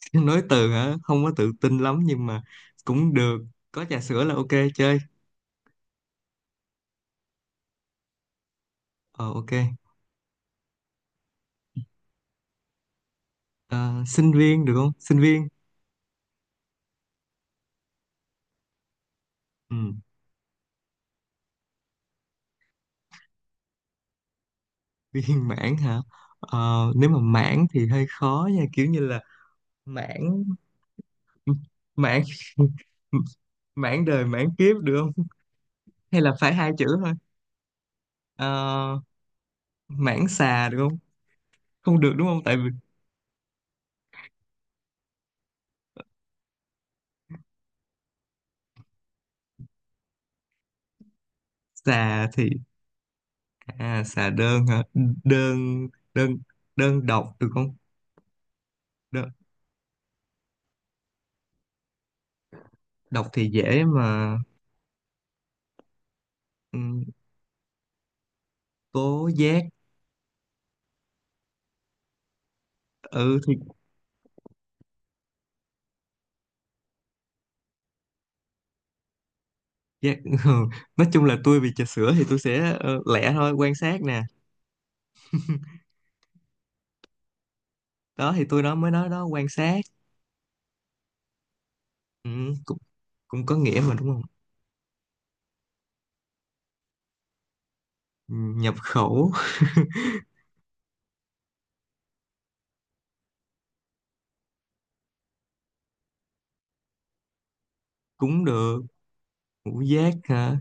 Nói từ hả? Không có tự tin lắm nhưng mà cũng được. Có trà sữa là ok. Chơi. Ờ, ok. Ờ, sinh viên được không? Sinh viên. Ừ. Viên mãn hả? Ờ, nếu mà mãn thì hơi khó nha, kiểu như là mãn. Mãn mãn đời mãn kiếp được không? Hay là phải hai chữ thôi? Ờ, mãn xà được không? Không được đúng không, tại vì xà thì, à, xà đơn hả? Đơn. Đơn. Đơn độc được không? Đơn, độc thì dễ mà. Ừ, cố giác. Ừ thì giác ừ. Nói chung là tôi vì trà sữa thì tôi sẽ, ờ, lẻ thôi, quan sát nè. Đó thì tôi đó mới nói đó, quan sát. Ừ, cũng cũng có nghĩa mà đúng không? Ừ, nhập khẩu. Cũng được. Ngũ giác hả?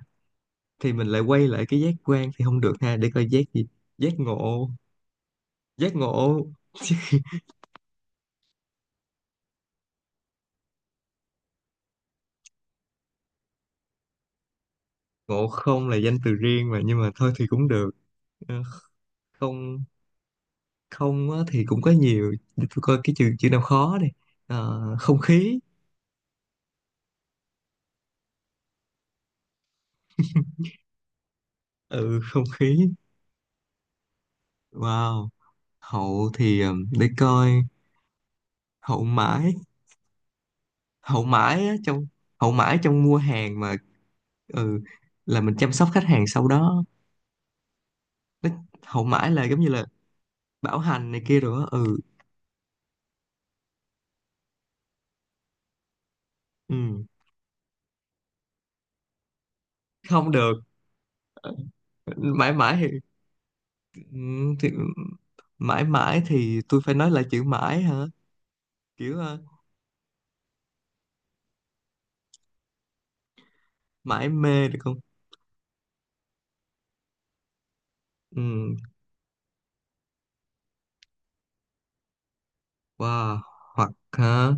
Thì mình lại quay lại cái giác quan thì không được ha, để coi giác gì. Giác ngộ. Giác ngộ. Ngộ Không là danh từ riêng mà, nhưng mà thôi thì cũng được. Ờ, không. Không á, thì cũng có nhiều. Để tôi coi cái chữ chữ nào khó đi. Ờ, không khí. Ừ, không khí. Wow, hậu thì để coi. Hậu mãi. Hậu mãi á, trong. Hậu mãi trong mua hàng mà. Ừ, là mình chăm sóc khách hàng sau đó. Nó- Hậu mãi là giống như là bảo hành này kia rồi á, ừ. Ừ, không được. Mãi mãi thì, ừ, thì mãi mãi thì tôi phải nói là chữ mãi hả? Kiểu ờ, mãi mê được không? Ừ. Wow. Hoặc hả?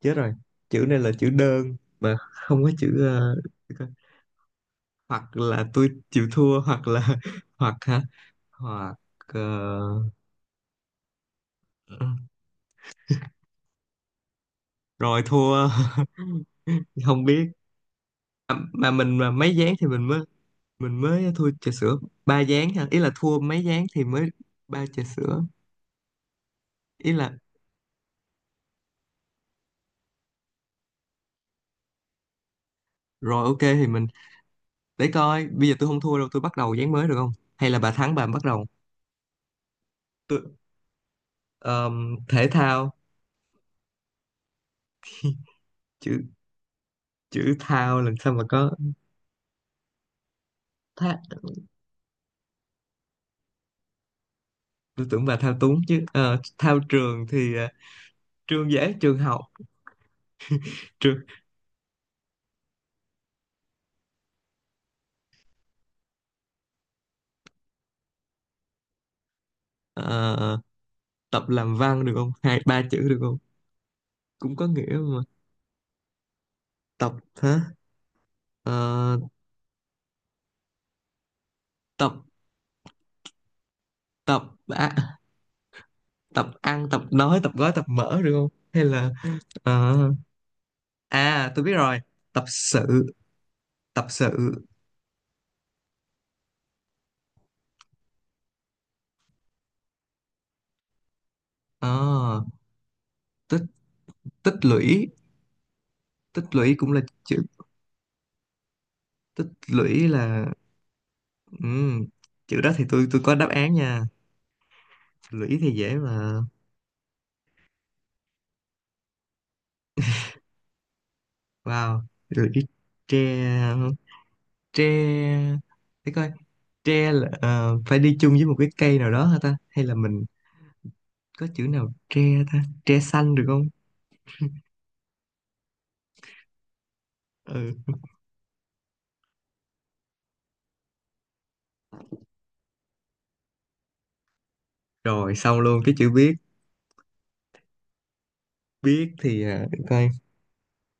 Chết rồi, chữ này là chữ đơn mà không có chữ. Hoặc là tôi chịu thua, hoặc là hoặc hả? Hoặc. Ờ, rồi thua. Không biết. À, mà mình mà mấy ván thì mình mới, mình mới thua trà sữa ba ván hả? Ý là thua mấy ván thì mới ba trà sữa, ý là. Rồi ok, thì mình để coi bây giờ tôi không thua đâu, tôi bắt đầu ván mới được không? Hay là bà thắng bà bắt đầu. Tôi, thể thao. Chữ chữ thao làm sao mà có thao. Tôi tưởng bà thao túng chứ. Ờ, thao trường thì, ờ, trường dễ, trường học. Trường. Ờ, tập làm văn được không? Hai ba chữ được không? Cũng có nghĩa mà. Tập hả? Ờ, tập. Tập. À, tập ăn tập nói tập gói tập mở được không, hay là, ờ, à tôi biết rồi. Tập sự. Tập sự. Ờ, tích. Tích lũy. Tích lũy cũng là chữ. Tích lũy là, ừm, chữ đó thì tôi có đáp án nha. Lũy thì dễ mà. Wow. Lũy tre. Tre. Để coi. Tre là, ờ, phải đi chung với một cái cây nào đó hả ta, hay là mình có chữ nào tre. Ta, tre xanh được không? Ừ. Rồi xong luôn cái chữ biết. Biết thì, à, để coi.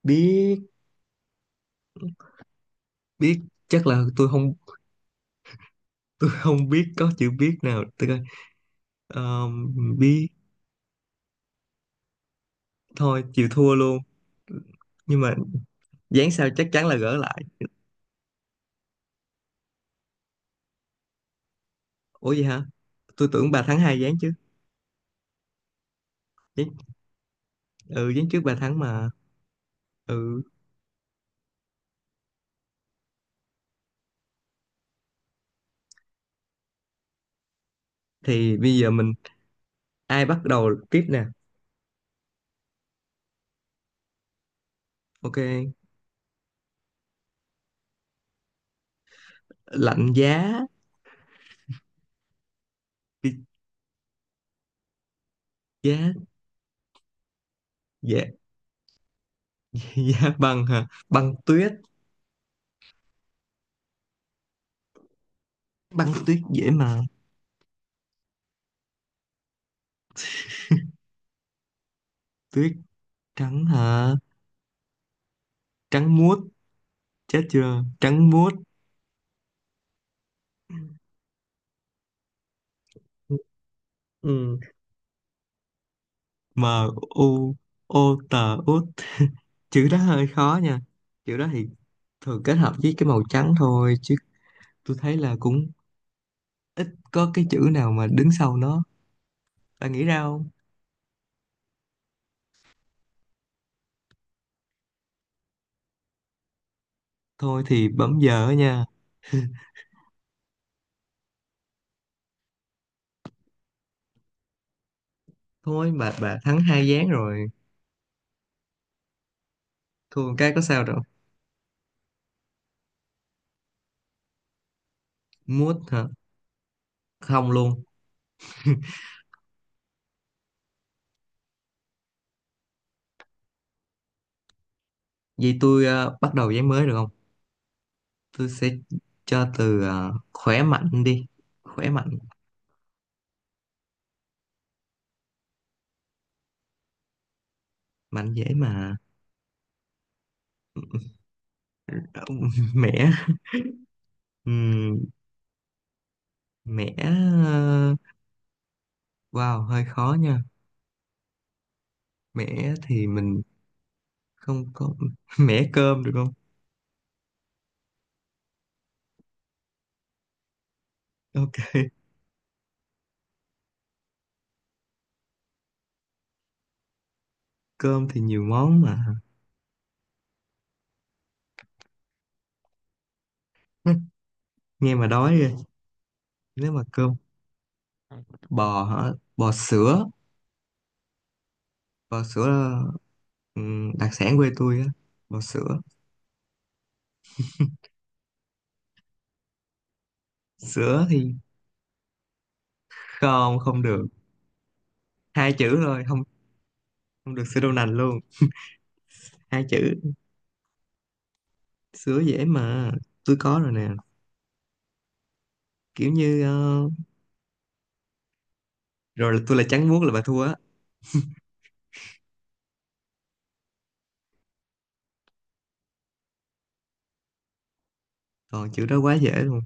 Biết. Biết. Chắc là tôi không, tôi không biết có chữ biết nào, tôi coi. Ờ, biết. Thôi chịu thua luôn. Nhưng mà dán sao chắc chắn là gỡ lại. Ủa vậy hả? Tôi tưởng bà thắng hai dán chứ. Dán, ừ, dán trước bà thắng mà. Ừ. Thì bây giờ mình ai bắt đầu tiếp nè? Ok. Lạnh giá. Giá. Giá. Giá băng hả? Băng tuyết. Băng tuyết dễ mà. Tuyết trắng hả? Trắng muốt. Chết chưa, trắng muốt. Ừ. M, u, o, t, út. Chữ đó hơi khó nha. Chữ đó thì thường kết hợp với cái màu trắng thôi chứ, tôi thấy là cũng ít có cái chữ nào mà đứng sau nó. Bạn nghĩ ra không? Thôi thì bấm giờ á nha. Thôi bà thắng hai ván rồi, thua một cái có sao đâu. Mút hả? Không luôn. Vậy tôi, ờ, bắt đầu ván mới được không? Tôi sẽ cho từ, ờ, khỏe mạnh đi. Khỏe mạnh. Mạnh dễ mà. Mẻ. Ừm, mẻ, ờ, wow, hơi khó nha. Mẻ thì mình không có mẻ cơm được không? Ok. Cơm thì nhiều món mà. Nghe mà đói rồi. Nếu mà cơm bò hả? Bò sữa. Bò sữa là, đặc sản quê tôi á. Bò sữa. Sữa thì, không, không được. Hai chữ thôi, không. Không được sữa đậu nành luôn. Hai chữ. Sứa dễ mà. Tôi có rồi nè, kiểu như ờ, rồi là tôi là trắng muốt là bà thua á. Còn chữ đó quá dễ luôn.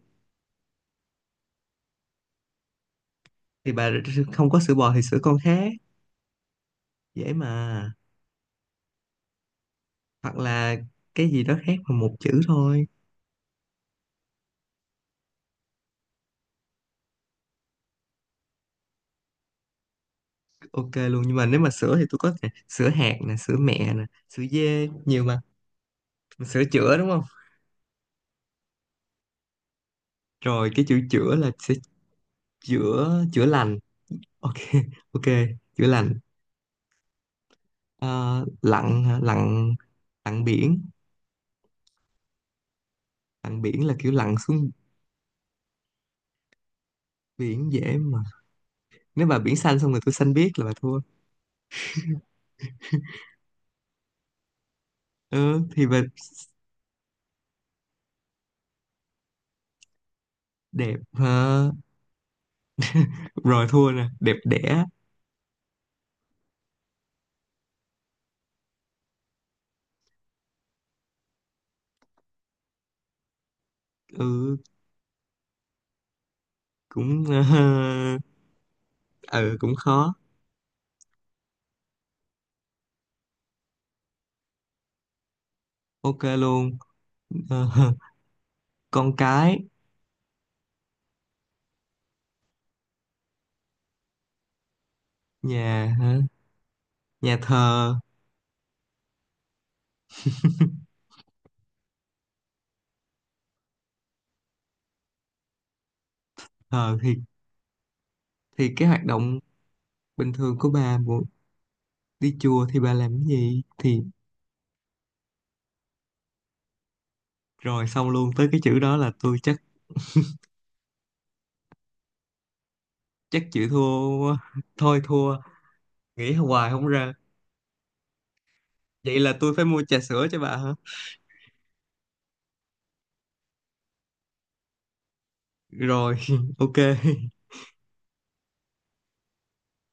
Thì bà không có sữa bò thì sữa con khác, dễ mà. Hoặc là cái gì đó khác mà một chữ thôi. Ok luôn, nhưng mà nếu mà sữa thì tôi có nè, sữa hạt nè, sữa mẹ nè, sữa dê, nhiều mà. Sữa chữa đúng không? Rồi cái chữ chữa là sẽ chữa. Chữa lành. Ok, ok. Chữa lành. Ờ, lặn hả? Lặn. Lặn biển. Lặn biển là kiểu lặn xuống. Biển dễ mà. Nếu bà biển xanh xong rồi tôi xanh biếc là bà thua. Ừ thì bà đẹp hả? Rồi thua nè, đẹp đẽ. Ừ. Cũng, ờ, ừ, cũng khó. Ok luôn. Ờ, con cái. Nhà hả? Nhà thờ. Thờ thì, cái hoạt động bình thường của bà muốn đi chùa thì bà làm cái gì thì rồi xong luôn tới cái chữ đó là tôi chắc chắc chịu thua quá. Thôi thua. Nghĩ hoài không ra. Vậy là tôi phải mua trà sữa cho bà hả? Rồi ok.